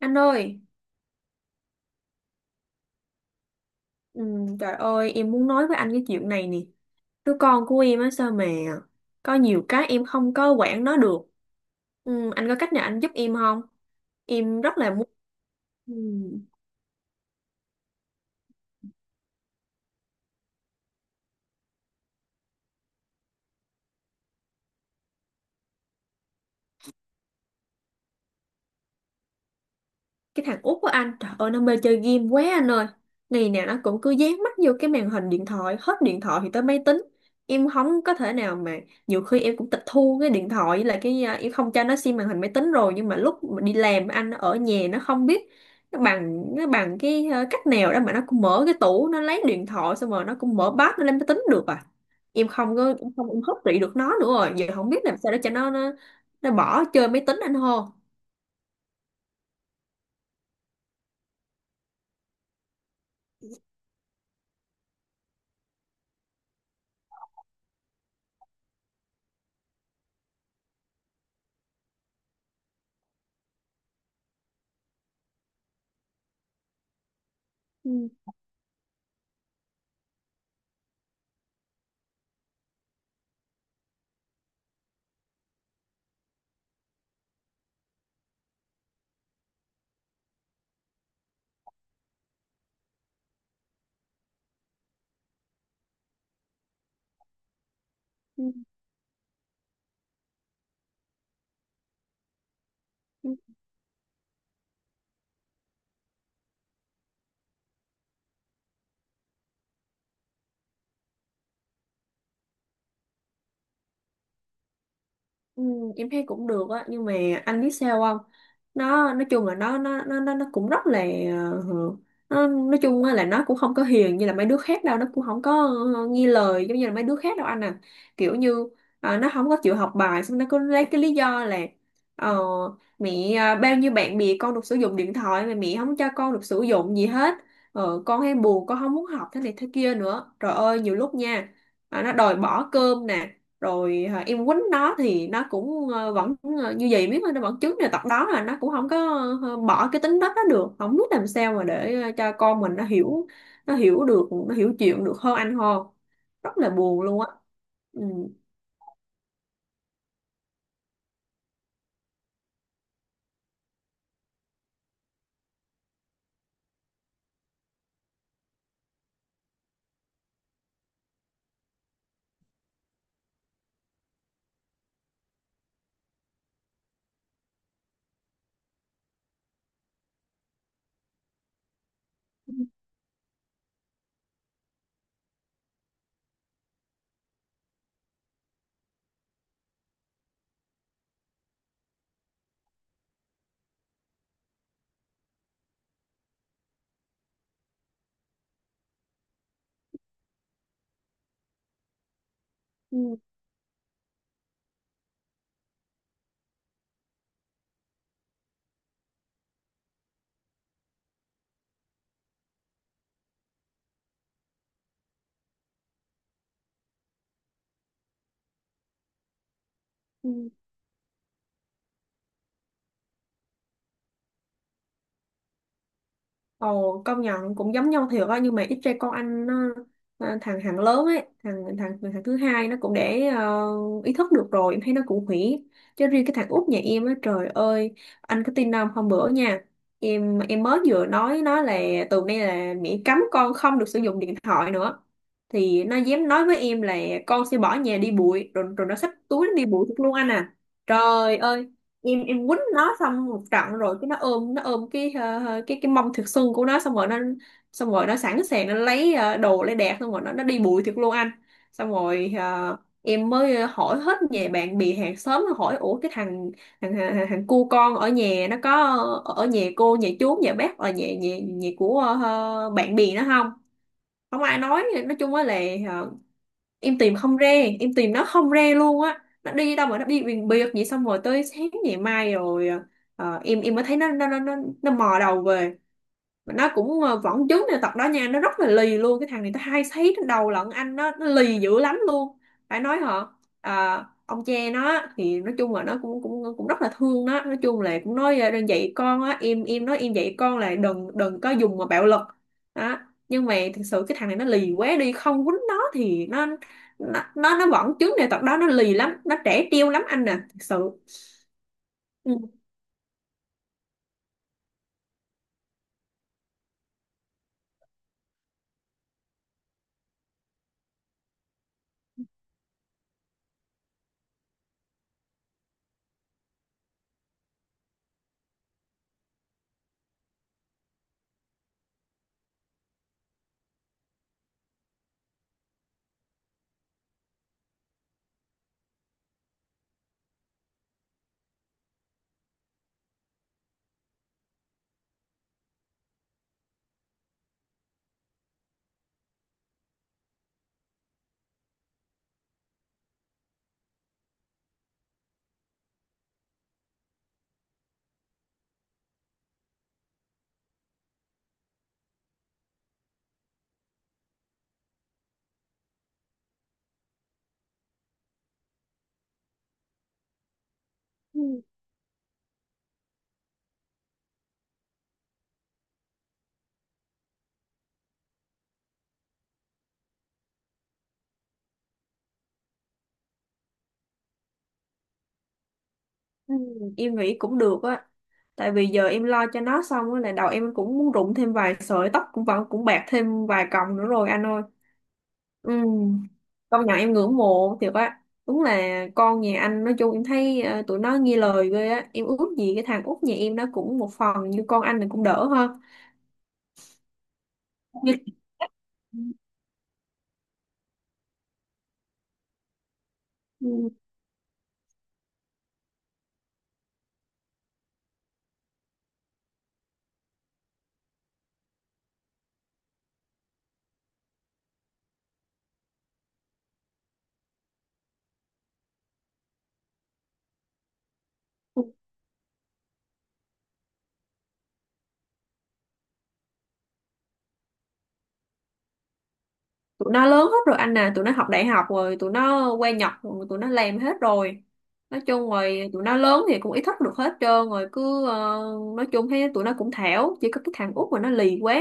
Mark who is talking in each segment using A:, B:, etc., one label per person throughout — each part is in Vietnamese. A: Anh ơi, trời ơi, em muốn nói với anh cái chuyện này nè. Đứa con của em á sao mà có nhiều cái em không có quản nó được. Anh có cách nào anh giúp em không? Em rất là muốn. Ừ. Cái thằng út của anh trời ơi nó mê chơi game quá anh ơi. Ngày nào nó cũng cứ dán mắt vô cái màn hình điện thoại, hết điện thoại thì tới máy tính. Em không có thể nào mà, nhiều khi em cũng tịch thu cái điện thoại với lại em không cho nó xem màn hình máy tính rồi, nhưng mà lúc mà đi làm anh nó ở nhà nó không biết. Nó bằng cách nào đó mà nó cũng mở cái tủ nó lấy điện thoại, xong rồi nó cũng mở bát nó lên máy tính được à. Em không có em không Em hấp trị được nó nữa rồi, giờ không biết làm sao để cho nó bỏ chơi máy tính anh hô. Ừ. Ừ. Ừ, em thấy cũng được á, nhưng mà anh biết sao không, nó nói chung là nó cũng rất là, ờ, nói chung á là nó cũng không có hiền như là mấy đứa khác đâu, nó cũng không có, nghe lời giống như là mấy đứa khác đâu anh à. Kiểu như, nó không có chịu học bài, xong nó cứ lấy cái lý do là, ờ, mẹ bao nhiêu bạn bè con được sử dụng điện thoại mà mẹ không cho con được sử dụng gì hết, con hay buồn, con không muốn học thế này thế kia nữa. Trời ơi nhiều lúc nha, nó đòi bỏ cơm nè, rồi em quýnh nó thì nó cũng vẫn như vậy biết thôi, nó vẫn chứng là tật đó, là nó cũng không có bỏ cái tính đất đó được. Không biết làm sao mà để cho con mình nó hiểu, nó hiểu được, nó hiểu chuyện được hơn anh hơn. Rất là buồn luôn á. Ừ. Ừ. Ồ, công nhận cũng giống nhau thiệt á, nhưng mà ít ra con anh nó, thằng thằng lớn ấy, thằng thằng thằng thứ hai nó cũng để ý thức được rồi, em thấy nó cũng hủy. Chứ riêng cái thằng út nhà em á trời ơi, anh có tin không, hôm bữa nha, mới vừa nói nó là từ nay là mẹ cấm con không được sử dụng điện thoại nữa, thì nó dám nói với em là con sẽ bỏ nhà đi bụi. Rồi Rồi nó xách túi nó đi bụi thật luôn anh à. Trời ơi, quýnh nó xong một trận, rồi cái nó ôm cái cái mông thiệt sưng của nó, xong rồi nó, xong rồi nó sẵn sàng nó lấy đồ lấy đạc, xong rồi nó đi bụi thiệt luôn anh. Xong rồi em mới hỏi hết về bạn bè hàng xóm, nó hỏi ủa cái thằng, thằng cu con ở nhà nó có ở ở nhà cô nhà chú nhà bác, ở nhà nhà nhà của bạn bè nó không. Không ai nói chung á là ờ, em tìm không ra, em tìm nó không ra luôn á. Nó đi đâu mà nó đi biển biệt vậy, xong rồi tới sáng ngày mai rồi mới thấy nó mò đầu về. Mà nó cũng vẫn chứng này tật đó nha, nó rất là lì luôn, cái thằng này nó hay thấy trên đầu lận anh, nó lì dữ lắm luôn, phải nói hả. À, ông che nó á, thì nói chung là nó cũng cũng cũng rất là thương nó, nói chung là cũng nói đừng dạy con á, nói em dạy con là đừng đừng có dùng mà bạo lực đó. Nhưng mà thực sự cái thằng này nó lì quá đi, không quýnh nó thì nó, nó vẫn chứng này tật đó, nó lì lắm, nó trẻ trêu lắm anh nè, thực sự. Ừ. Ừ, em nghĩ cũng được á, tại vì giờ em lo cho nó xong á là đầu em cũng muốn rụng thêm vài sợi tóc, cũng vẫn cũng bạc thêm vài cọng nữa rồi anh ơi. Ừ, công nhận em ngưỡng mộ thiệt á, đúng là con nhà anh, nói chung em thấy tụi nó nghe lời ghê á, em ước gì cái thằng út nhà em nó cũng một phần như con anh này cũng đỡ ha. như, ừ, tụi nó lớn hết rồi anh à, tụi nó học đại học rồi, tụi nó qua Nhật rồi, tụi nó làm hết rồi. Nói chung rồi tụi nó lớn thì cũng ý thức được hết trơn rồi, cứ nói chung thấy tụi nó cũng thảo, chỉ có cái thằng út mà nó lì quá.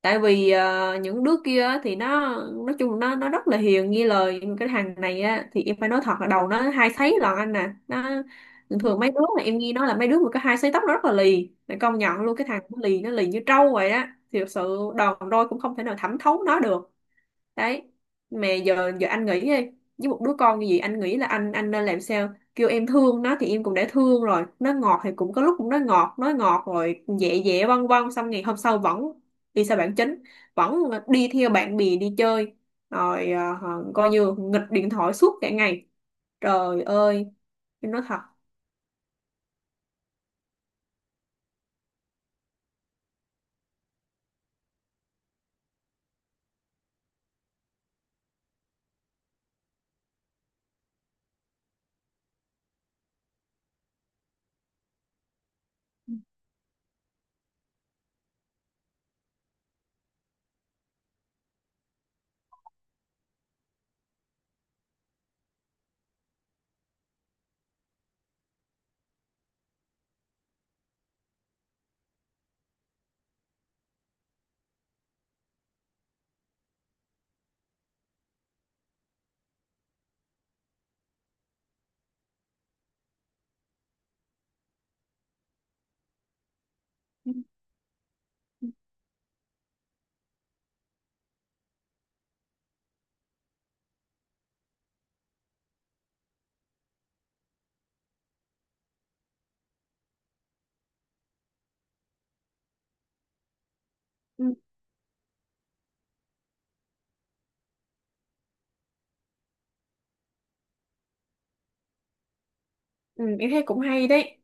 A: Tại vì những đứa kia á thì nó, nói chung nó rất là hiền nghe lời, nhưng mà cái thằng này á thì em phải nói thật là đầu nó hai sấy lận anh nè. Nó thường thường, mấy đứa mà em nghe nói là mấy đứa mà có hai sấy tóc nó rất là lì mày, công nhận luôn, cái thằng nó lì, nó lì như trâu vậy á, thì thật sự đòn roi cũng không thể nào thẩm thấu nó được. Đấy, mà giờ giờ anh nghĩ đi, với một đứa con như vậy anh nghĩ là anh nên làm sao. Kêu em thương nó thì em cũng đã thương rồi, nó ngọt thì cũng có lúc cũng nói ngọt, nói ngọt rồi dẹ dẹ vân vân, xong ngày hôm sau vẫn đi xa bản chính, vẫn đi theo bạn bè đi chơi, rồi coi như nghịch điện thoại suốt cả ngày. Trời ơi, em nói thật. Ừ. Ừ, em thấy cũng hay đấy.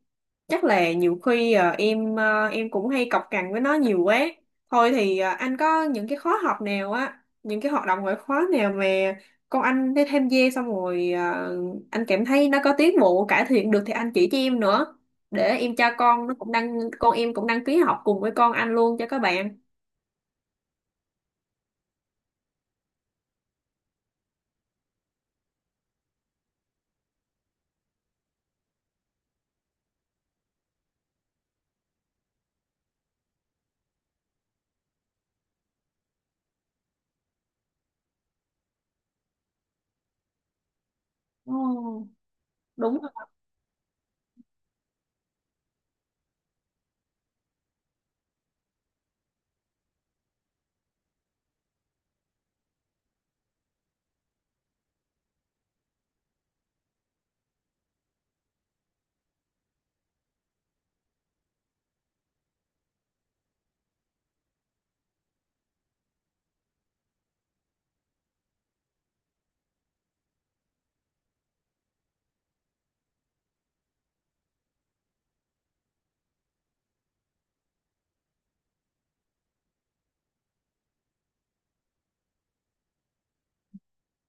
A: Chắc là nhiều khi em cũng hay cọc cằn với nó nhiều quá. Thôi thì anh có những cái khóa học nào á, những cái hoạt động ngoại khóa nào mà con anh đi tham gia, xong rồi anh cảm thấy nó có tiến bộ cải thiện được thì anh chỉ cho em nữa. Để em cho con nó cũng đăng, con em cũng đăng ký học cùng với con anh luôn cho các bạn. Ồ, đúng,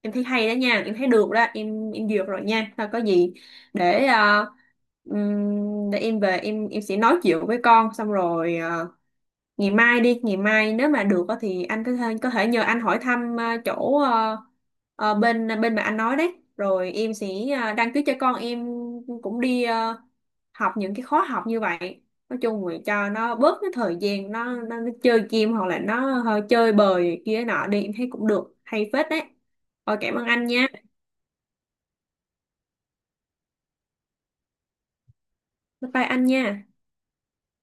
A: em thấy hay đó nha, em thấy được đó, em duyệt rồi nha. Thôi có gì để để em về em sẽ nói chuyện với con, xong rồi ngày mai đi, ngày mai nếu mà được á thì anh có thể, có thể nhờ anh hỏi thăm chỗ bên bên mà anh nói đấy, rồi em sẽ đăng ký cho con em cũng đi học những cái khóa học như vậy. Nói chung là cho nó bớt cái thời gian nó chơi game hoặc là nó hơi chơi bời kia nọ đi, em thấy cũng được, hay phết đấy. Rồi cảm ơn anh nha. Bye bye anh nha.